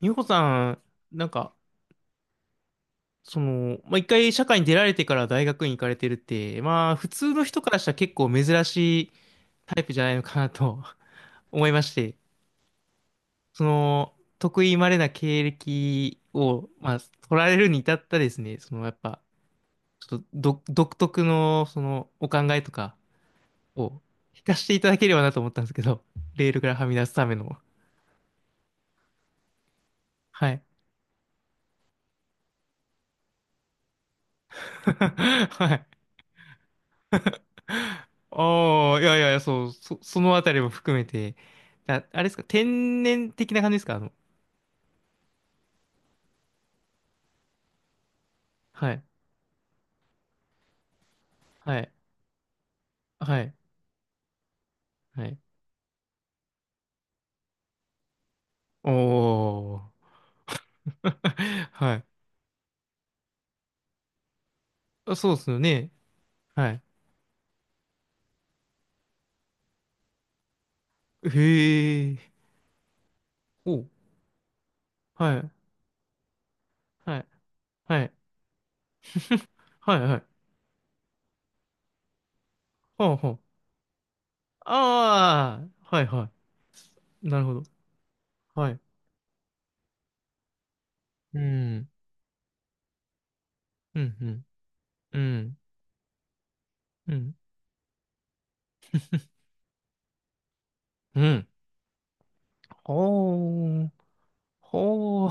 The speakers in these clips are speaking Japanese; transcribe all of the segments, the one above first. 美穂さん、なんか、まあ、一回社会に出られてから大学院行かれてるって、まあ、普通の人からしたら結構珍しいタイプじゃないのかなと 思いまして、得意稀な経歴を、まあ、取られるに至ったですね、やっぱ、ちょっと独特の、お考えとかを聞かせていただければなと思ったんですけど、レールからはみ出すための。はい。はい。ああ、いやいやいや、そう、そのあたりも含めて、あ、あれですか、天然的な感じですか？はい、はい、はい、はい。おー。はい。あ、そうですよね。はい。へえ。おう、はい、はい、はい、はい、はい。ほうほう。ああ、はい、はい。なるほど。はい。うん、うん、うん、うん、うん。うん。おー。ほう。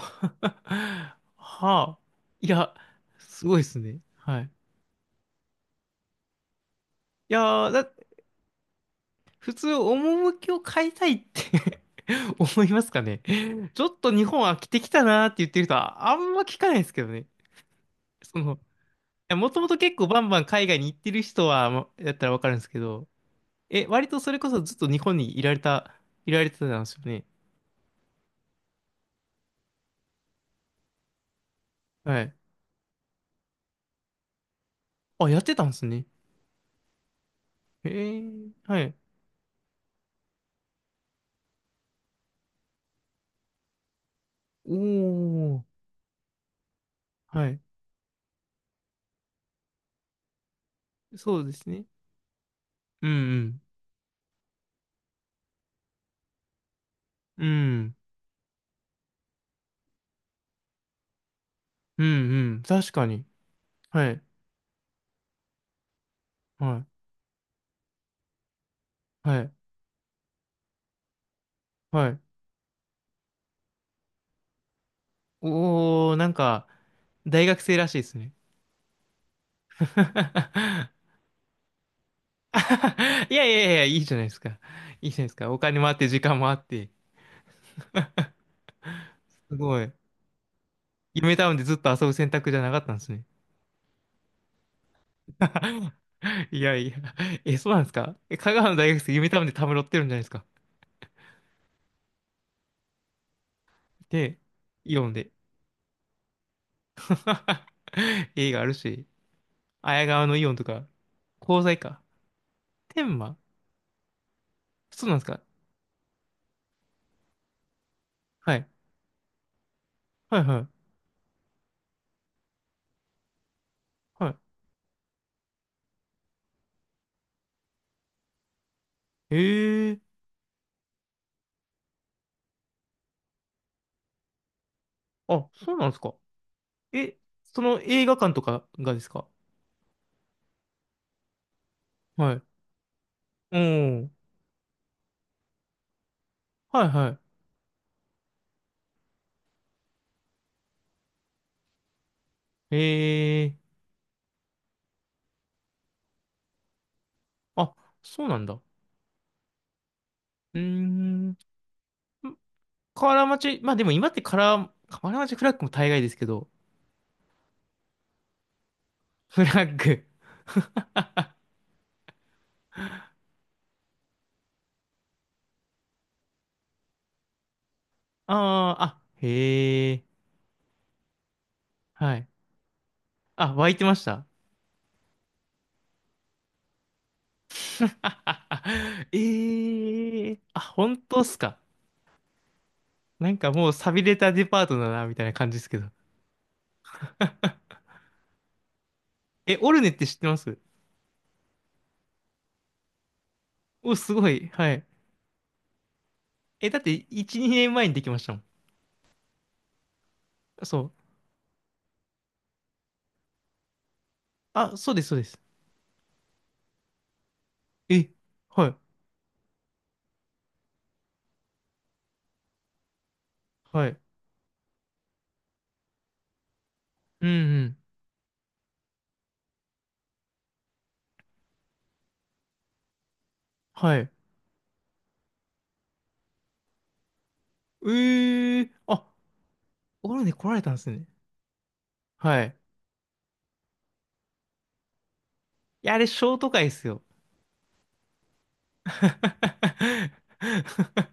はあ。いや、すごいですね。はい。いやー、普通、趣を変えたいって 思いますかね。ちょっと日本飽きてきたなーって言ってる人は、あんま聞かないですけどね。いや、もともと結構バンバン海外に行ってる人は、まだったらわかるんですけど、え、割とそれこそずっと日本にいられてたんですよね。はい。あ、やってたんですね。へえ、はい。おー、はい。そうですね。うんうん。うん、うん、うん、確かに。はい、はい、はい、はい。おー、なんか、大学生らしいですね。いやいやいや、いいじゃないですか。いいじゃないですか。お金もあって、時間もあって。すごい。夢タウンでずっと遊ぶ選択じゃなかったんですね。いやいや、え、そうなんですか？え、香川の大学生、夢タウンでたむろってるんじゃないですか？で、イオンで。映画あるし、綾川のイオンとか、鋼材か。天満。そうなんですか？はい。はいはい。はい。ええー。あ、そうなんですか。え、その映画館とかがですか？はい。うん。はいはい。ええー。あ、そうなんだ。うーん。河原町、まあでも今ってカラー、河原町フラッグも大概ですけど、フラッグ。ああ、あ、へえ。はい。あ、湧いてました。ええ。あ、本当っすか。なんかもう寂れたデパートだな、みたいな感じですけど。え、オルネって知ってます？お、すごい。はい。え、だって、1、2年前にできましたもん。そう。あ、そうです、そうです。え、はい。はい。うんうん。はい。えあ、オルネ来られたんですね。はい。いや、あれ、ショート会ですよ。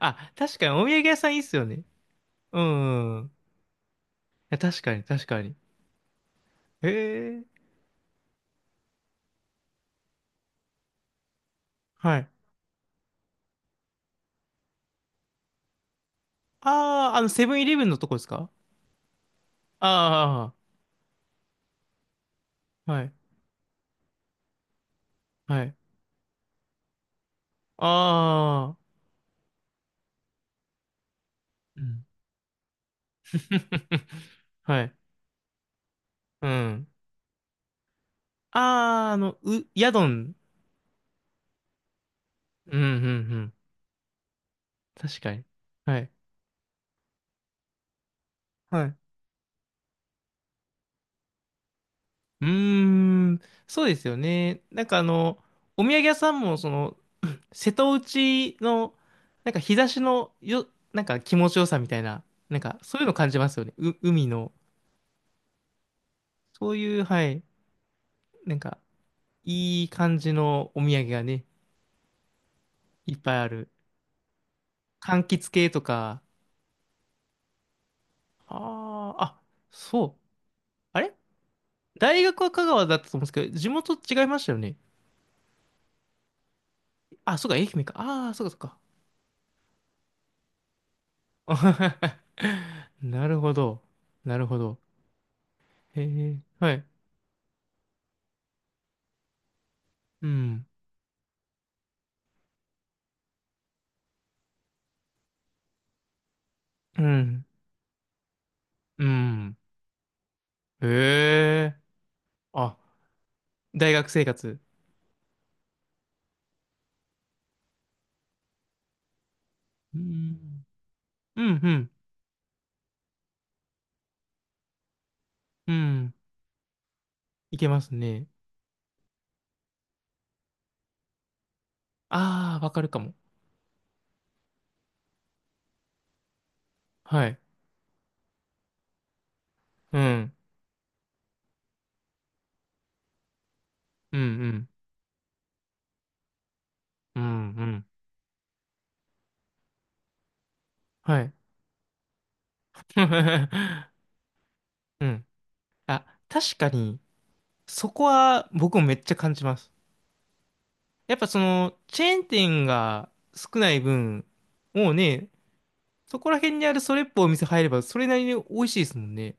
あ、確かに、お土産屋さんいいっすよね。うん。いや、確かに、確かに。えー、はい。あー、あの、セブンイレブンのとこですか？ああー、はい。はい。あー、うん。はい。うん。あー、ヤドン。うん、うん、うん。確かに。はい。はい。うーん、そうですよね。なんかあの、お土産屋さんも、瀬戸内の、なんか日差しのよ、なんか気持ちよさみたいな、なんかそういうの感じますよね。う、海の。そういう、はい、なんか、いい感じのお土産がね、いっぱいある。柑橘系とか。ああ、あ、そう。あれ、大学は香川だったと思うんですけど、地元違いましたよね。あ、そうか、愛媛か。ああ、そうか、そうか。なるほど。なるほど。へえ、はい。うん。うん。うん。へえ。あ、大学生活。うん。うん、うん。うん。いけますね。ああ、わかるかも。はい。うん。うん、うん。うん、うん。はい。うん。あ、確かに、そこは僕もめっちゃ感じます。やっぱチェーン店が少ない分、もうね、そこら辺にあるそれっぽいお店入れば、それなりに美味しいですもんね。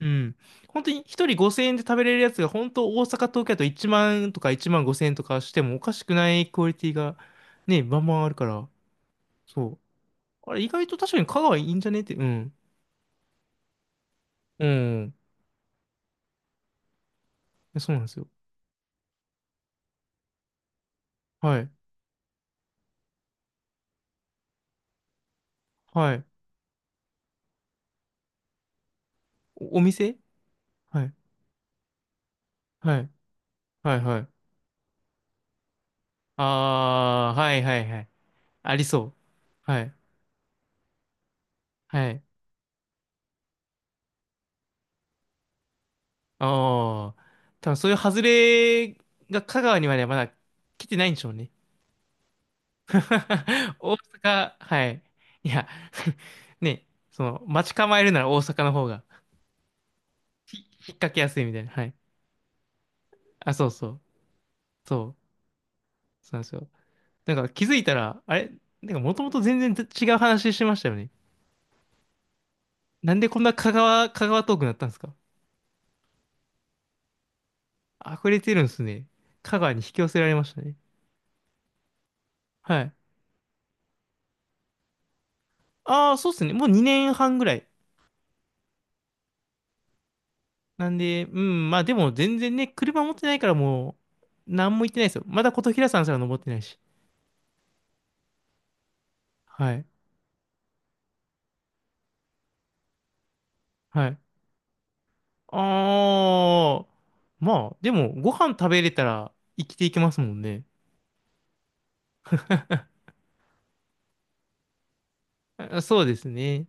うん。本当に一人5000円で食べれるやつが、本当大阪、東京だと1万とか1万5000円とかしてもおかしくないクオリティがね、バンバンあるから、そう。あれ、意外と確かに香川いいんじゃねって、うん。うん。そうなんですよ。はい。はい。お店。はい。はい、はい。はい。あー、はい、はい、はい。ありそう。はい。はい。ああ、多分そういう外れが香川にはね、まだ来てないんでしょうね。大阪、はい。いや ね、待ち構えるなら大阪の方が引っ掛けやすいみたいな。はい。あ、そうそう。そう。そうなんですよ。なんか気づいたら、あれ、なんかもともと全然違う話してましたよね。なんでこんな香川トークになったんですか？溢れてるんですね。香川に引き寄せられましたね。はい。ああ、そうっすね。もう2年半ぐらい。なんで、うん、まあでも全然ね、車持ってないからもう、なんも言ってないですよ。まだ琴平山すら登ってないし。はい。はい。ああ、まあ、でも、ご飯食べれたら生きていけますもんね。あ、そうですね。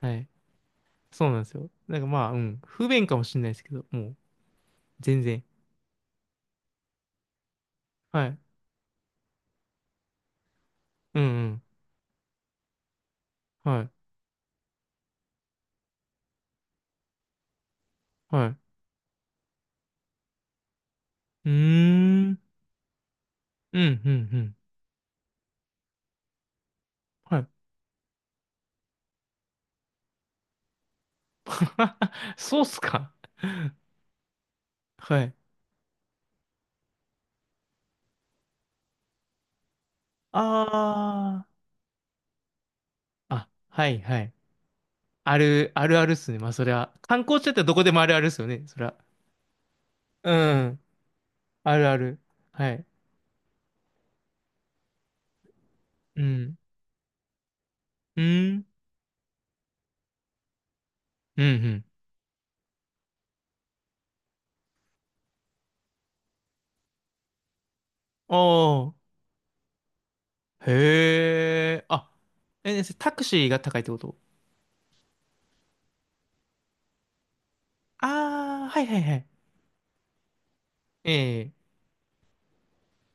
はい。そうなんですよ。なんかまあ、うん、不便かもしれないですけど、もう、全然。はい。うんうん。はい。はい。うーん。うん、うん、うん。はい。そうっすか。はい。ああ。あ、はい、はい。ある、あるあるっすね。まあ、それは。観光地だったらどこでもあるあるっすよね。それは。うん。あるある。はい。うん。うん。うん、うん。ああ。へえ。あ、え、タクシーが高いってこと？ああー、はいはいはい。ええ。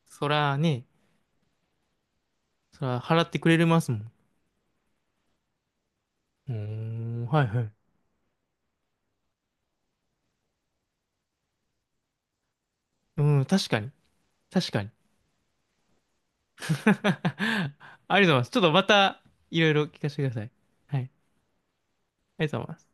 そらね、そら払ってくれますもん。うーん、はいはい。うん、確かに。確かに。ありがとうございます。ちょっとまた、いろいろ聞かせてください。はい。ありがとうございます。